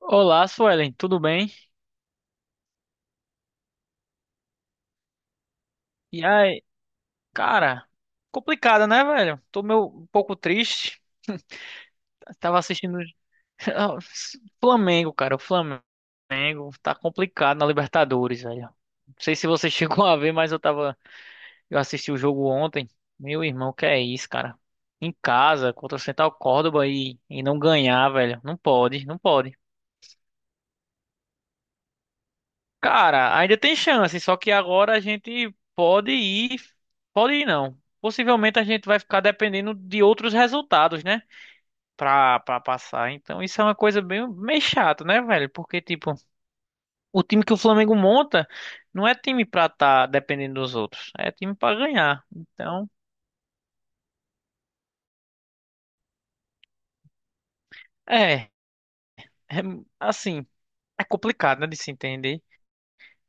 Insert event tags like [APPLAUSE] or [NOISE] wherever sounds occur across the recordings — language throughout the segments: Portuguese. Olá, Suelen, tudo bem? E aí, cara, complicada, né, velho? Tô meio um pouco triste. Tava assistindo [LAUGHS] Flamengo, cara. O Flamengo tá complicado na Libertadores, velho. Não sei se você [LAUGHS] chegou a ver, mas eu assisti o jogo ontem. Meu irmão, que é isso, cara? Em casa, contra o Central Córdoba e não ganhar, velho. Não pode, não pode. Cara, ainda tem chance, só que agora a gente pode ir não. Possivelmente a gente vai ficar dependendo de outros resultados, né? Pra passar. Então isso é uma coisa bem, meio chata, né, velho? Porque, tipo, o time que o Flamengo monta não é time pra tá dependendo dos outros, é time pra ganhar. Então, é, é assim, é complicado, né, de se entender.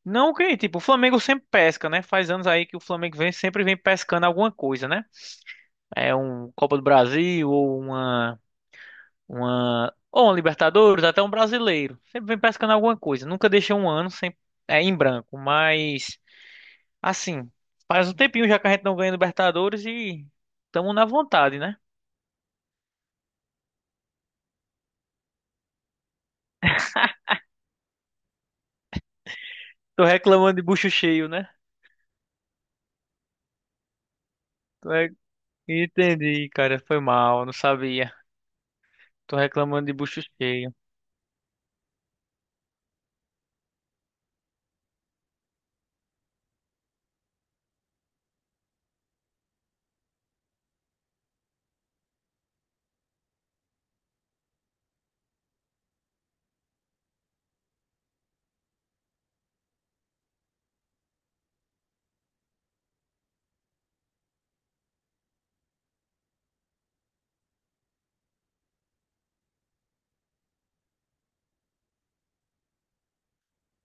Não que, tipo, o Flamengo sempre pesca, né? Faz anos aí que o Flamengo vem, sempre vem pescando alguma coisa, né? É um Copa do Brasil ou uma Libertadores, até um brasileiro. Sempre vem pescando alguma coisa. Nunca deixa um ano sem em branco, mas assim, faz um tempinho já que a gente não ganha Libertadores e estamos na vontade, né? Tô reclamando de bucho cheio, né? Tô re- Entendi, cara, foi mal, não sabia. Tô reclamando de bucho cheio.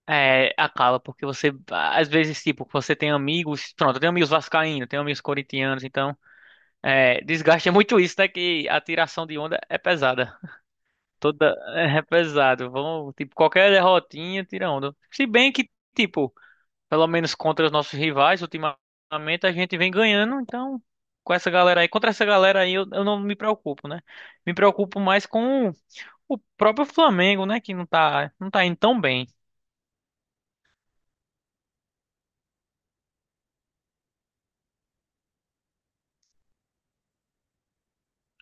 É, acaba, porque você, às vezes, tipo, você tem amigos, pronto, eu tenho amigos vascaínos, tenho amigos corintianos, então. É, desgaste é muito isso, né? Que a tiração de onda é pesada. Toda é pesado. Vão, tipo, qualquer derrotinha tira onda. Se bem que, tipo, pelo menos contra os nossos rivais, ultimamente a gente vem ganhando, então com essa galera aí, contra essa galera aí eu não me preocupo, né? Me preocupo mais com o próprio Flamengo, né? Que não tá indo tão bem.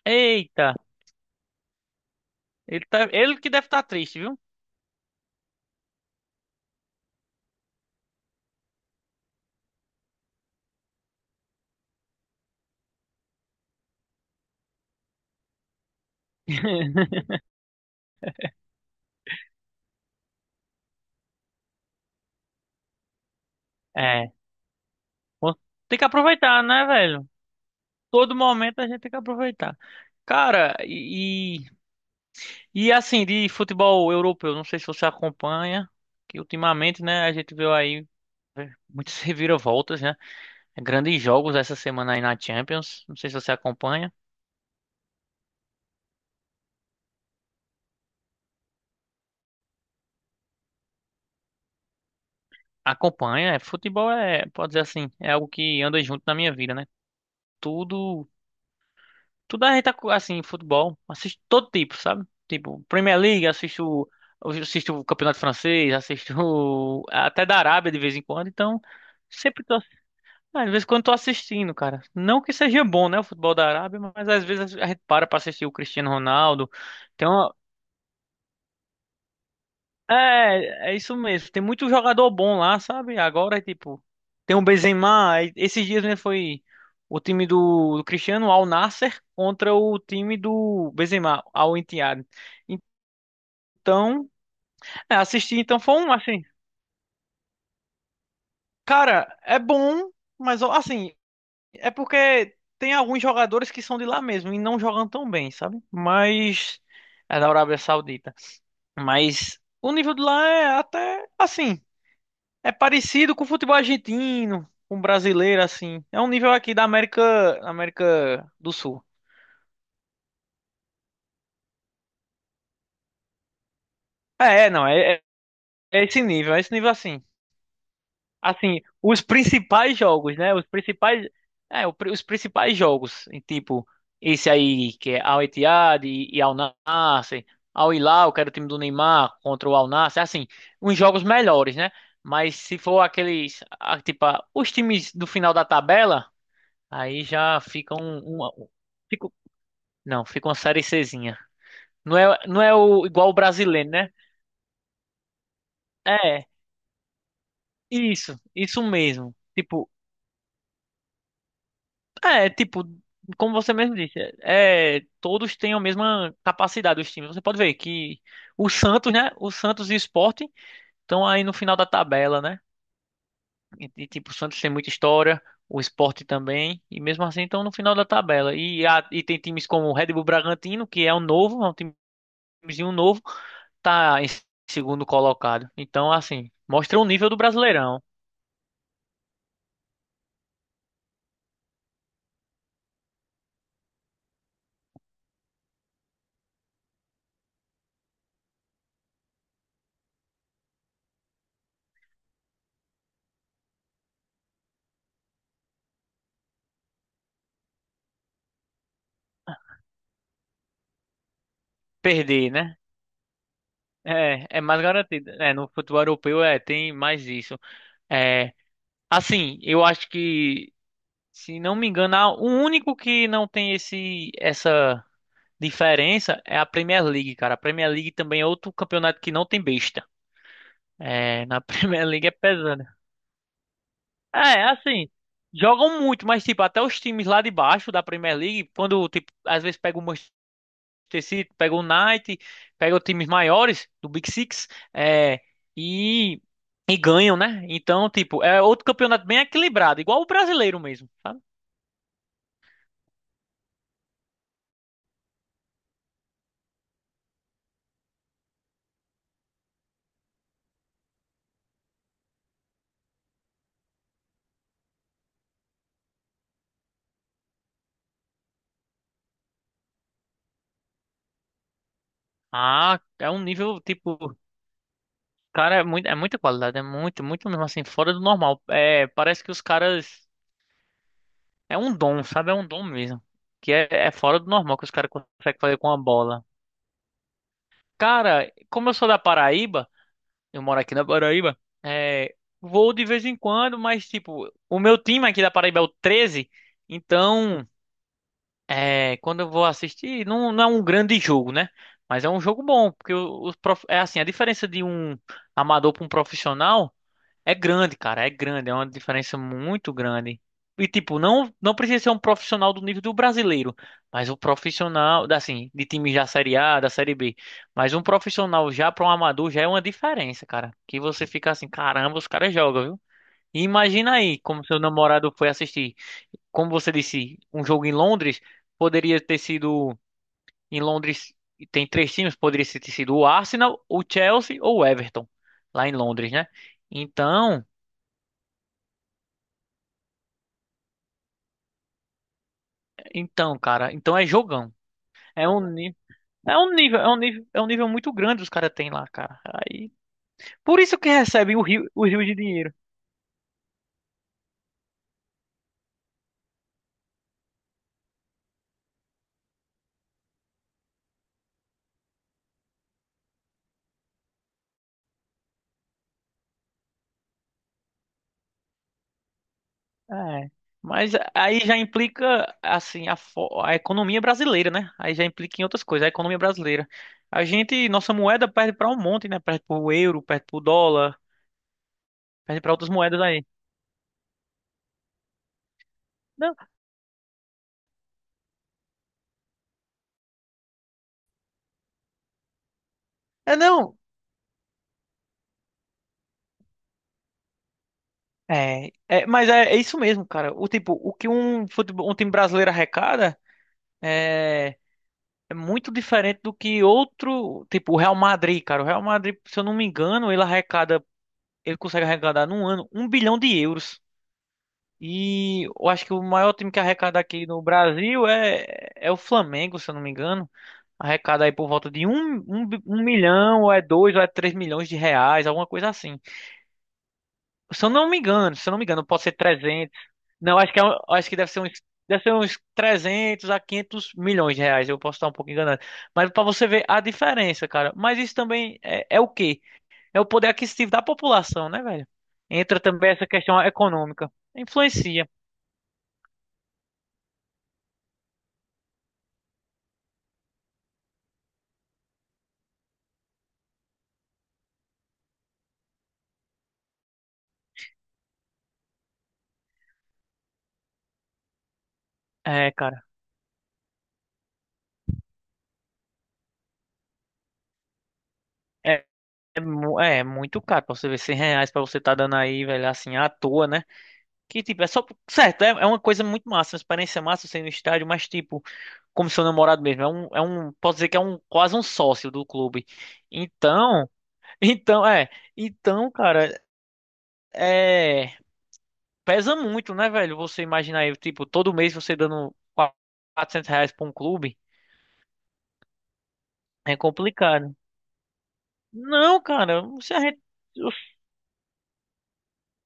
Eita, ele que deve estar triste, viu? [LAUGHS] É, pô, tem que aproveitar, né, velho? Todo momento a gente tem que aproveitar. Cara, e assim, de futebol europeu, não sei se você acompanha, que ultimamente, né, a gente viu aí muitas [LAUGHS] reviravoltas, né? Grandes jogos essa semana aí na Champions. Não sei se você acompanha. Acompanha, é, futebol é, pode dizer assim, é algo que anda junto na minha vida, né? Tudo, tudo a gente, assim, futebol, assisto todo tipo, sabe? Tipo, Premier League, assisto o Campeonato Francês, assisto [LAUGHS] até da Arábia de vez em quando, então... Sempre Ah, às vezes quando tô assistindo, cara. Não que seja bom, né, o futebol da Arábia, mas às vezes a gente para pra assistir o Cristiano Ronaldo. Tem uma... É isso mesmo. Tem muito jogador bom lá, sabe? Agora, tipo, tem o Benzema. Aí, esses dias, né, foi o time do Cristiano Al Nassr contra o time do Benzema, Al Ittihad. Então, é, assisti, então foi um, assim, cara, é bom, mas assim, é porque tem alguns jogadores que são de lá mesmo e não jogam tão bem, sabe? Mas é da Arábia Saudita. Mas o nível de lá é até assim, é parecido com o futebol argentino, com o brasileiro assim. É um nível aqui da América, América do Sul. Não, é esse nível, é esse nível assim. Assim, os principais jogos, né? Os principais, é, o pri- os principais jogos, em tipo esse aí que é Al Ittihad e Al Nassr, Al Hilal, que era o time do Neymar contra o Al Nassr, assim, uns jogos melhores, né? Mas se for aqueles, ah, tipo, ah, os times do final da tabela, aí já fica fica- não, fica uma série Czinha. Não é o, igual o brasileiro, né? É, isso mesmo. Tipo, é, tipo, como você mesmo disse, é, todos têm a mesma capacidade, os times. Você pode ver que o Santos, né? O Santos e o Sport estão aí no final da tabela, né? E, tipo, o Santos tem muita história, o Sport também, e mesmo assim estão no final da tabela. E tem times como o Red Bull Bragantino, que é um novo, é um timezinho novo, tá em segundo colocado. Então, assim, mostra o nível do Brasileirão. Perder, né? É mais garantido. É, no futebol europeu tem mais isso. É, assim, eu acho que, se não me engano, o único que não tem esse essa diferença é a Premier League, cara. A Premier League também é outro campeonato que não tem besta. É, na [LAUGHS] Premier League é pesada. É, assim, jogam muito, mas tipo, até os times lá de baixo da Premier League, quando tipo, às vezes pega o Manchester City, pega o United, pega os times maiores do Big Six, é, e e ganham, né? Então, tipo, é outro campeonato bem equilibrado, igual o brasileiro mesmo, sabe? Ah, é um nível, tipo, cara, é muito, é muita qualidade, é muito, muito mesmo assim, fora do normal. É, parece que os caras. É um dom, sabe? É um dom mesmo. Que é fora do normal que os caras conseguem fazer com a bola. Cara, como eu sou da Paraíba, eu moro aqui na Paraíba, é, vou de vez em quando, mas, tipo, o meu time aqui da Paraíba é o Treze então, quando eu vou assistir, não, não é um grande jogo, né? Mas é um jogo bom, porque é assim, a diferença de um amador para um profissional. É grande, cara, é grande, é uma diferença muito grande. E tipo, não não precisa ser um profissional do nível do brasileiro, mas um profissional, assim, de time da Série A, da Série B, mas um profissional já para um amador já é uma diferença, cara. Que você fica assim, caramba, os caras jogam, viu? E imagina aí como seu namorado foi assistir, como você disse, um jogo em Londres, poderia ter sido em Londres e tem três times, poderia ter sido o Arsenal, o Chelsea ou o Everton lá em Londres, né? Então, Então, cara, então é jogão. É um, ni- é um nível, é um nível, é um nível muito grande os caras têm lá, cara. Aí, por isso que recebem o rio de dinheiro. É. Mas aí já implica assim a economia brasileira, né? Aí já implica em outras coisas, a economia brasileira. A gente, nossa moeda perde para um monte, né? Perde pro euro, perde pro dólar, perde para outras moedas aí. Não, é não. Mas é isso mesmo, cara. O tipo, o que um futebol, um time brasileiro arrecada, é É muito diferente do que outro, tipo o Real Madrid, cara. O Real Madrid, se eu não me engano, ele arrecada, ele consegue arrecadar num ano um bilhão de euros. E eu acho que o maior time que arrecada aqui no Brasil é o Flamengo, se eu não me engano. Arrecada aí por volta de um milhão, ou é dois, ou é R$ 3 milhões, alguma coisa assim. Se eu não me engano, se eu não me engano, pode ser 300. Não, acho que, acho que deve ser uns, 300 a quinhentos milhões de reais. Eu posso estar um pouco enganado. Mas para você ver a diferença, cara. Mas isso também é o quê? É o poder aquisitivo da população, né, velho? Entra também essa questão econômica. Influencia. É, cara. É, é muito caro pra você ver R$ 100 pra você tá dando aí, velho, assim, à toa, né? Que tipo, é só. Certo, é uma coisa muito massa, uma experiência massa você ir no estádio, mas tipo, como seu namorado mesmo, é um, é um. Posso dizer que é um quase um sócio do clube. Então. Então, é. Então, cara, é. Pesa muito, né, velho? Você imaginar aí, tipo, todo mês você dando R$ 400 pra um clube. É complicado. Não, cara, se a gente. Uf,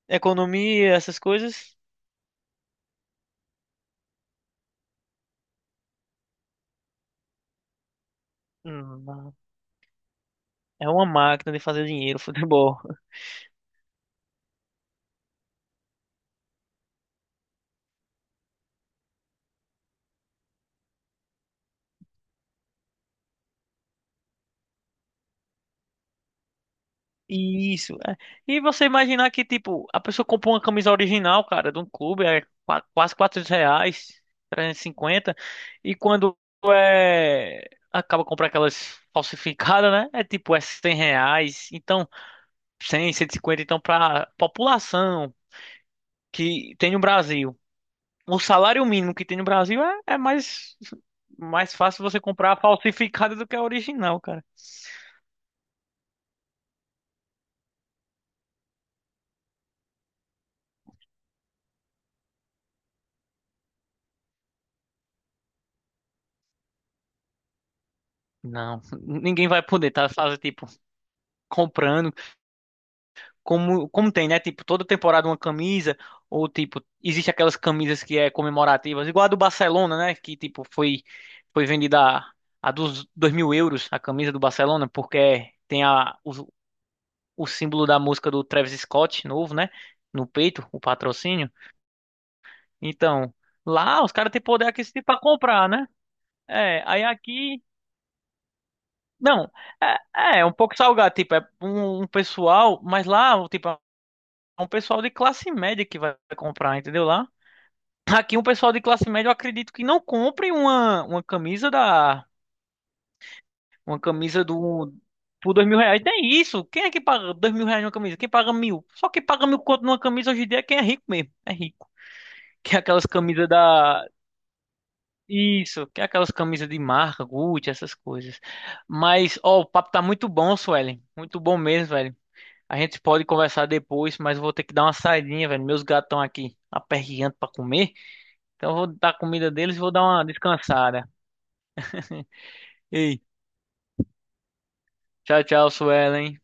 economia, essas coisas. hum, É uma máquina de fazer dinheiro, [LAUGHS] futebol. Isso. é. E você imaginar que, tipo, a pessoa comprou uma camisa original, cara, de um clube, é quase R$ 400, 350 e quando acaba comprando aquelas falsificadas, né? É tipo, é R$ 100, então, cem cento e cinquenta então, pra população que tem no Brasil, o salário mínimo que tem no Brasil é mais fácil você comprar a falsificada do que a original, cara. Não, ninguém vai poder, tá? Fazer, tipo, comprando. Como tem, né? Tipo, toda temporada uma camisa, ou tipo, existe aquelas camisas que é comemorativas, igual a do Barcelona, né? Que tipo, foi vendida a dos 2.000 euros a camisa do Barcelona, porque tem o símbolo da música do Travis Scott novo, né? No peito, o patrocínio. Então, lá os caras têm poder aquisitivo pra comprar, né? É, aí aqui. Não, é um pouco salgado, tipo, é um pessoal, mas lá, tipo, é um pessoal de classe média que vai comprar, entendeu? Lá Aqui um pessoal de classe média, eu acredito que não compre uma camisa da. Uma camisa do. Por R$ 2.000. Nem isso. Quem é que paga R$ 2.000 numa camisa? Quem paga mil? Só quem paga mil conto numa camisa hoje em dia é quem é rico mesmo. É rico. Que é aquelas camisas da. Isso, que é aquelas camisas de marca, Gucci, essas coisas. Mas, ó, o papo tá muito bom, Suelen. Muito bom mesmo, velho. A gente pode conversar depois, mas eu vou ter que dar uma saidinha, velho. Meus gatos estão aqui aperreando pra comer. Então eu vou dar comida deles e vou dar uma descansada. Ei, tchau, tchau, Suelen.